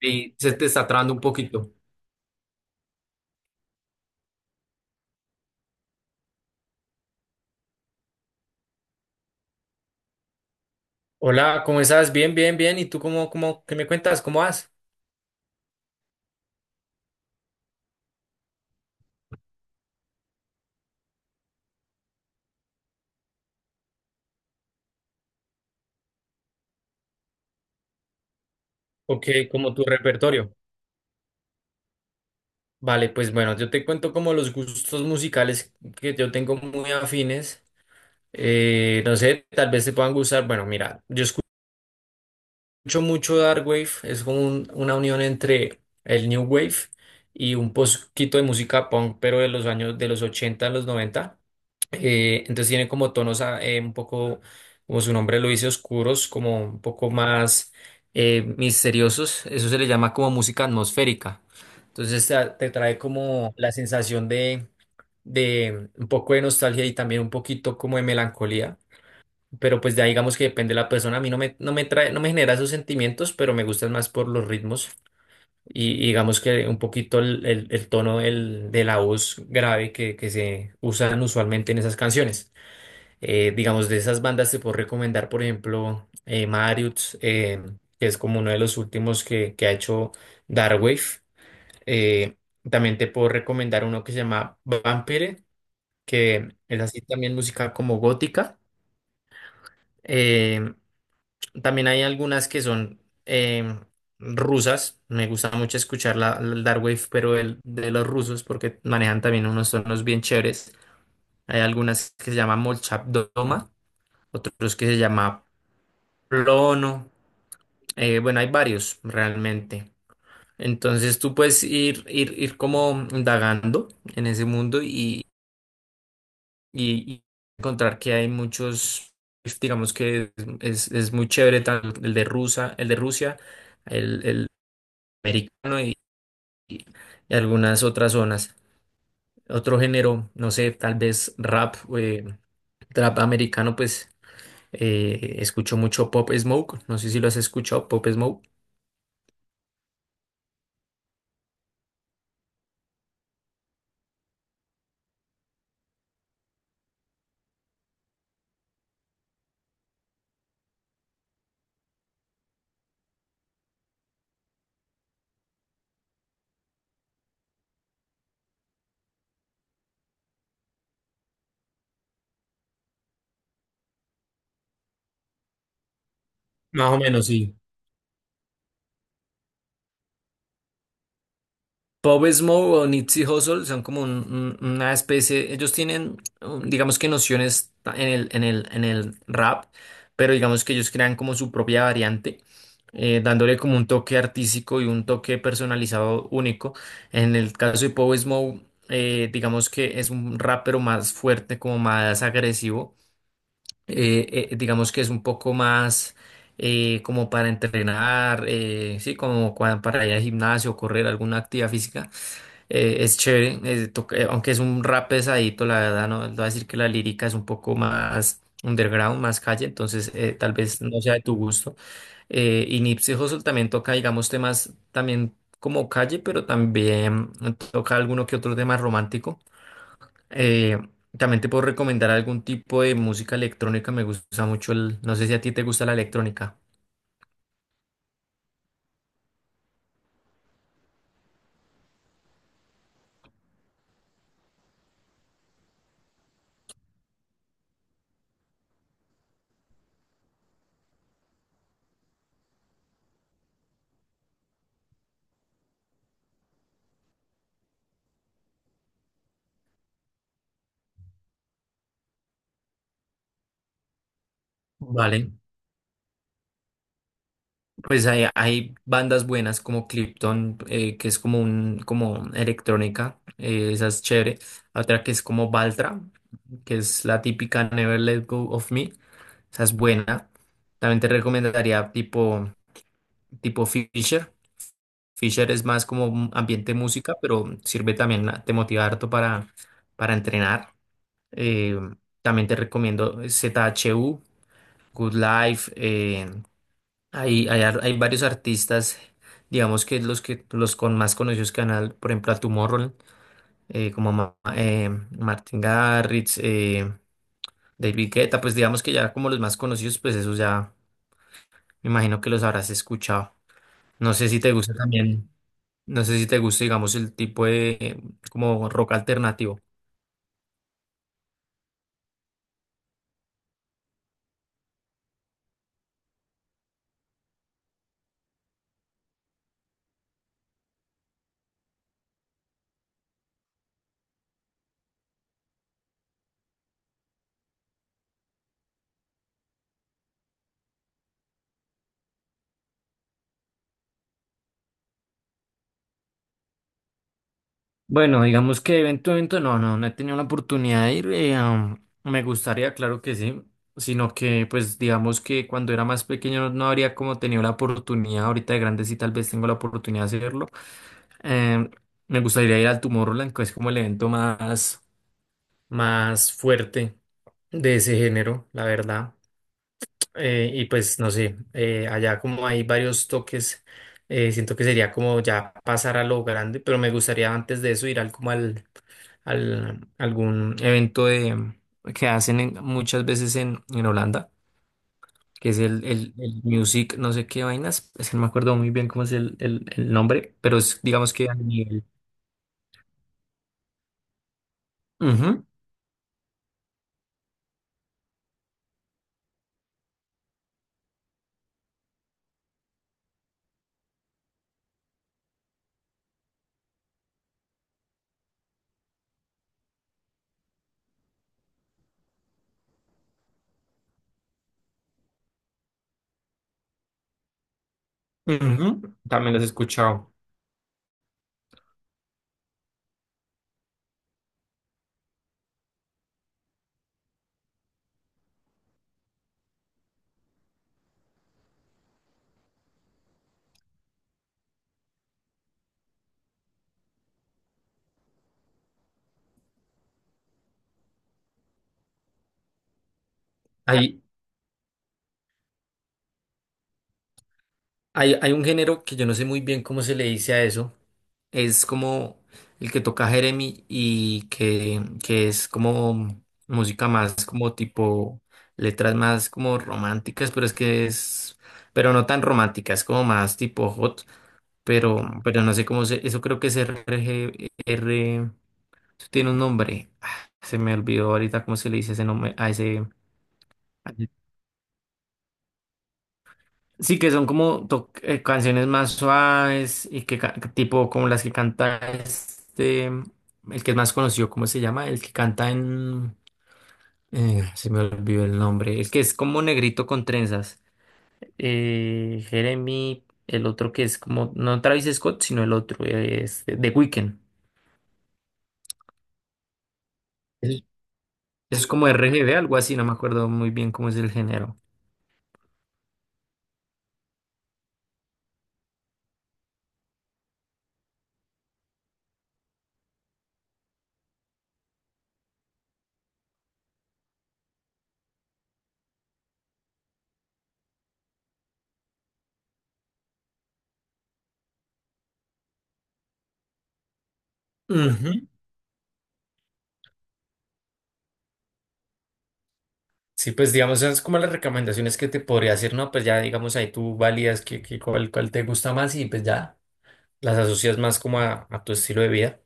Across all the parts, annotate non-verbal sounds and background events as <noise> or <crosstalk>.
Y se te está trabando un poquito. Hola, ¿cómo estás? Bien, bien, bien. ¿Y tú cómo, qué me cuentas? ¿Cómo vas? ¿O qué, como tu repertorio? Vale, pues bueno, yo te cuento como los gustos musicales que yo tengo muy afines. No sé, tal vez te puedan gustar. Bueno, mira, yo escucho mucho Dark Wave, es como una unión entre el New Wave y un poquito de música punk, pero de los años de los ochenta a los noventa. Entonces tiene como tonos un poco, como su nombre lo dice, oscuros, como un poco más misteriosos. Eso se le llama como música atmosférica. Entonces te trae como la sensación de un poco de nostalgia y también un poquito como de melancolía. Pero pues ya digamos que depende de la persona. A mí no me trae, no me genera esos sentimientos, pero me gustan más por los ritmos y digamos que un poquito el tono de la voz grave que se usan usualmente en esas canciones. Digamos, de esas bandas te puedo recomendar, por ejemplo, Marius, que es como uno de los últimos que ha hecho Darkwave. Eh, También te puedo recomendar uno que se llama Vampire, que es así también música como gótica. Eh, También hay algunas que son eh, rusas. Me gusta mucho escuchar el Dark Wave, pero el de los rusos, porque manejan también unos tonos bien chéveres. Hay algunas que se llaman Molchat Doma, otros que se llama Plono. Bueno, hay varios realmente. Entonces tú puedes ir como indagando en ese mundo y, y encontrar que hay muchos, digamos que es muy chévere, tanto el de Rusa, el de Rusia. El americano y algunas otras zonas. Otro género, no sé, tal vez rap, trap americano, pues escucho mucho Pop Smoke, no sé si lo has escuchado, Pop Smoke. Más o menos, sí. Pop Smoke o Nipsey Hussle son como una especie. Ellos tienen, digamos que nociones en en el rap, pero digamos que ellos crean como su propia variante, dándole como un toque artístico y un toque personalizado único. En el caso de Pop Smoke, digamos que es un rapero más fuerte, como más agresivo. Digamos que es un poco más... como para entrenar, sí, como para ir al gimnasio, correr alguna actividad física. Es chévere, aunque es un rap pesadito, la verdad. No voy a decir que la lírica es un poco más underground, más calle, entonces tal vez no sea de tu gusto. Y Nipsey Hussle también toca, digamos, temas también como calle, pero también toca alguno que otro tema romántico. Eh, También te puedo recomendar algún tipo de música electrónica. Me gusta mucho el, no sé si a ti te gusta la electrónica. Vale. Pues hay bandas buenas como Krypton, que es como un, como electrónica. Esa es chévere. Otra que es como Baltra, que es la típica Never Let Go of Me, esa es buena. También te recomendaría tipo Fisher. Fisher es más como un ambiente música, pero sirve también, te motiva harto para entrenar. Eh, También te recomiendo Z H U Good Life. Hay, hay varios artistas, digamos que los con más conocidos canal por ejemplo, a Tomorrow como Martin Garrix, David Guetta, pues digamos que ya como los más conocidos, pues esos ya me imagino que los habrás escuchado. No sé si te gusta también, no sé si te gusta, digamos, el tipo de como rock alternativo. Bueno, digamos que evento, evento, no, no he tenido la oportunidad de ir. Me gustaría, claro que sí, sino que, pues, digamos que cuando era más pequeño no, no habría como tenido la oportunidad. Ahorita de grande sí, tal vez tengo la oportunidad de hacerlo. Eh, Me gustaría ir al Tomorrowland, que es como el evento más, más fuerte de ese género, la verdad. Y pues no sé, allá como hay varios toques. Siento que sería como ya pasar a lo grande, pero me gustaría antes de eso ir al al algún evento de que hacen muchas veces en Holanda, que es el Music, no sé qué vainas, es que no me acuerdo muy bien cómo es el nombre, pero es digamos que a nivel. Ujú, ujú, también los he escuchado. Hay, hay un género que yo no sé muy bien cómo se le dice a eso, es como el que toca Jeremy y que es como música más como tipo letras más como románticas, pero es que es, pero no tan románticas, como más tipo hot, pero no sé cómo se, eso creo que es RG, R, eso tiene un nombre. Ah, se me olvidó ahorita cómo se le dice ese nombre a ese. Sí, que son como canciones más suaves y que tipo como las que canta este, el que es más conocido, ¿cómo se llama? El que canta en... se me olvidó el nombre, el que es como negrito con trenzas. Jeremy, el otro que es como, no Travis Scott, sino el otro, es The Weeknd. Es, es como RGB, algo así, no me acuerdo muy bien cómo es el género. Ujú. Sí, pues digamos, esas como las recomendaciones que te podría hacer, ¿no? Pues ya digamos ahí tú validas que cuál, cuál te gusta más y pues ya las asocias más como a tu estilo de vida.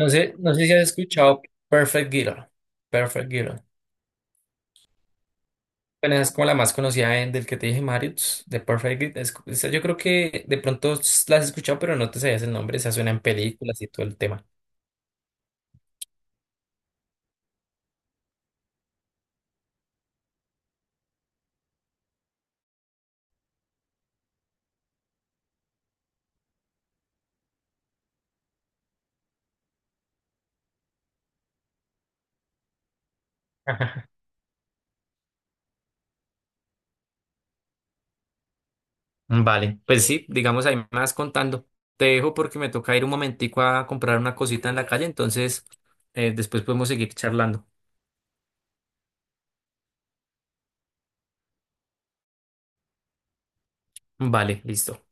No sé, no sé si has escuchado Perfect Girl. Perfect Girl. Bueno, esa es como la más conocida del que te dije, Marius, de Perfect Girl. Esa yo creo que de pronto la has escuchado, pero no te sabías el nombre. Esa suena en películas y todo el tema. <laughs> Vale, pues sí, digamos ahí más contando. Te dejo porque me toca ir un momentico a comprar una cosita en la calle, entonces después podemos seguir charlando. Vale, listo.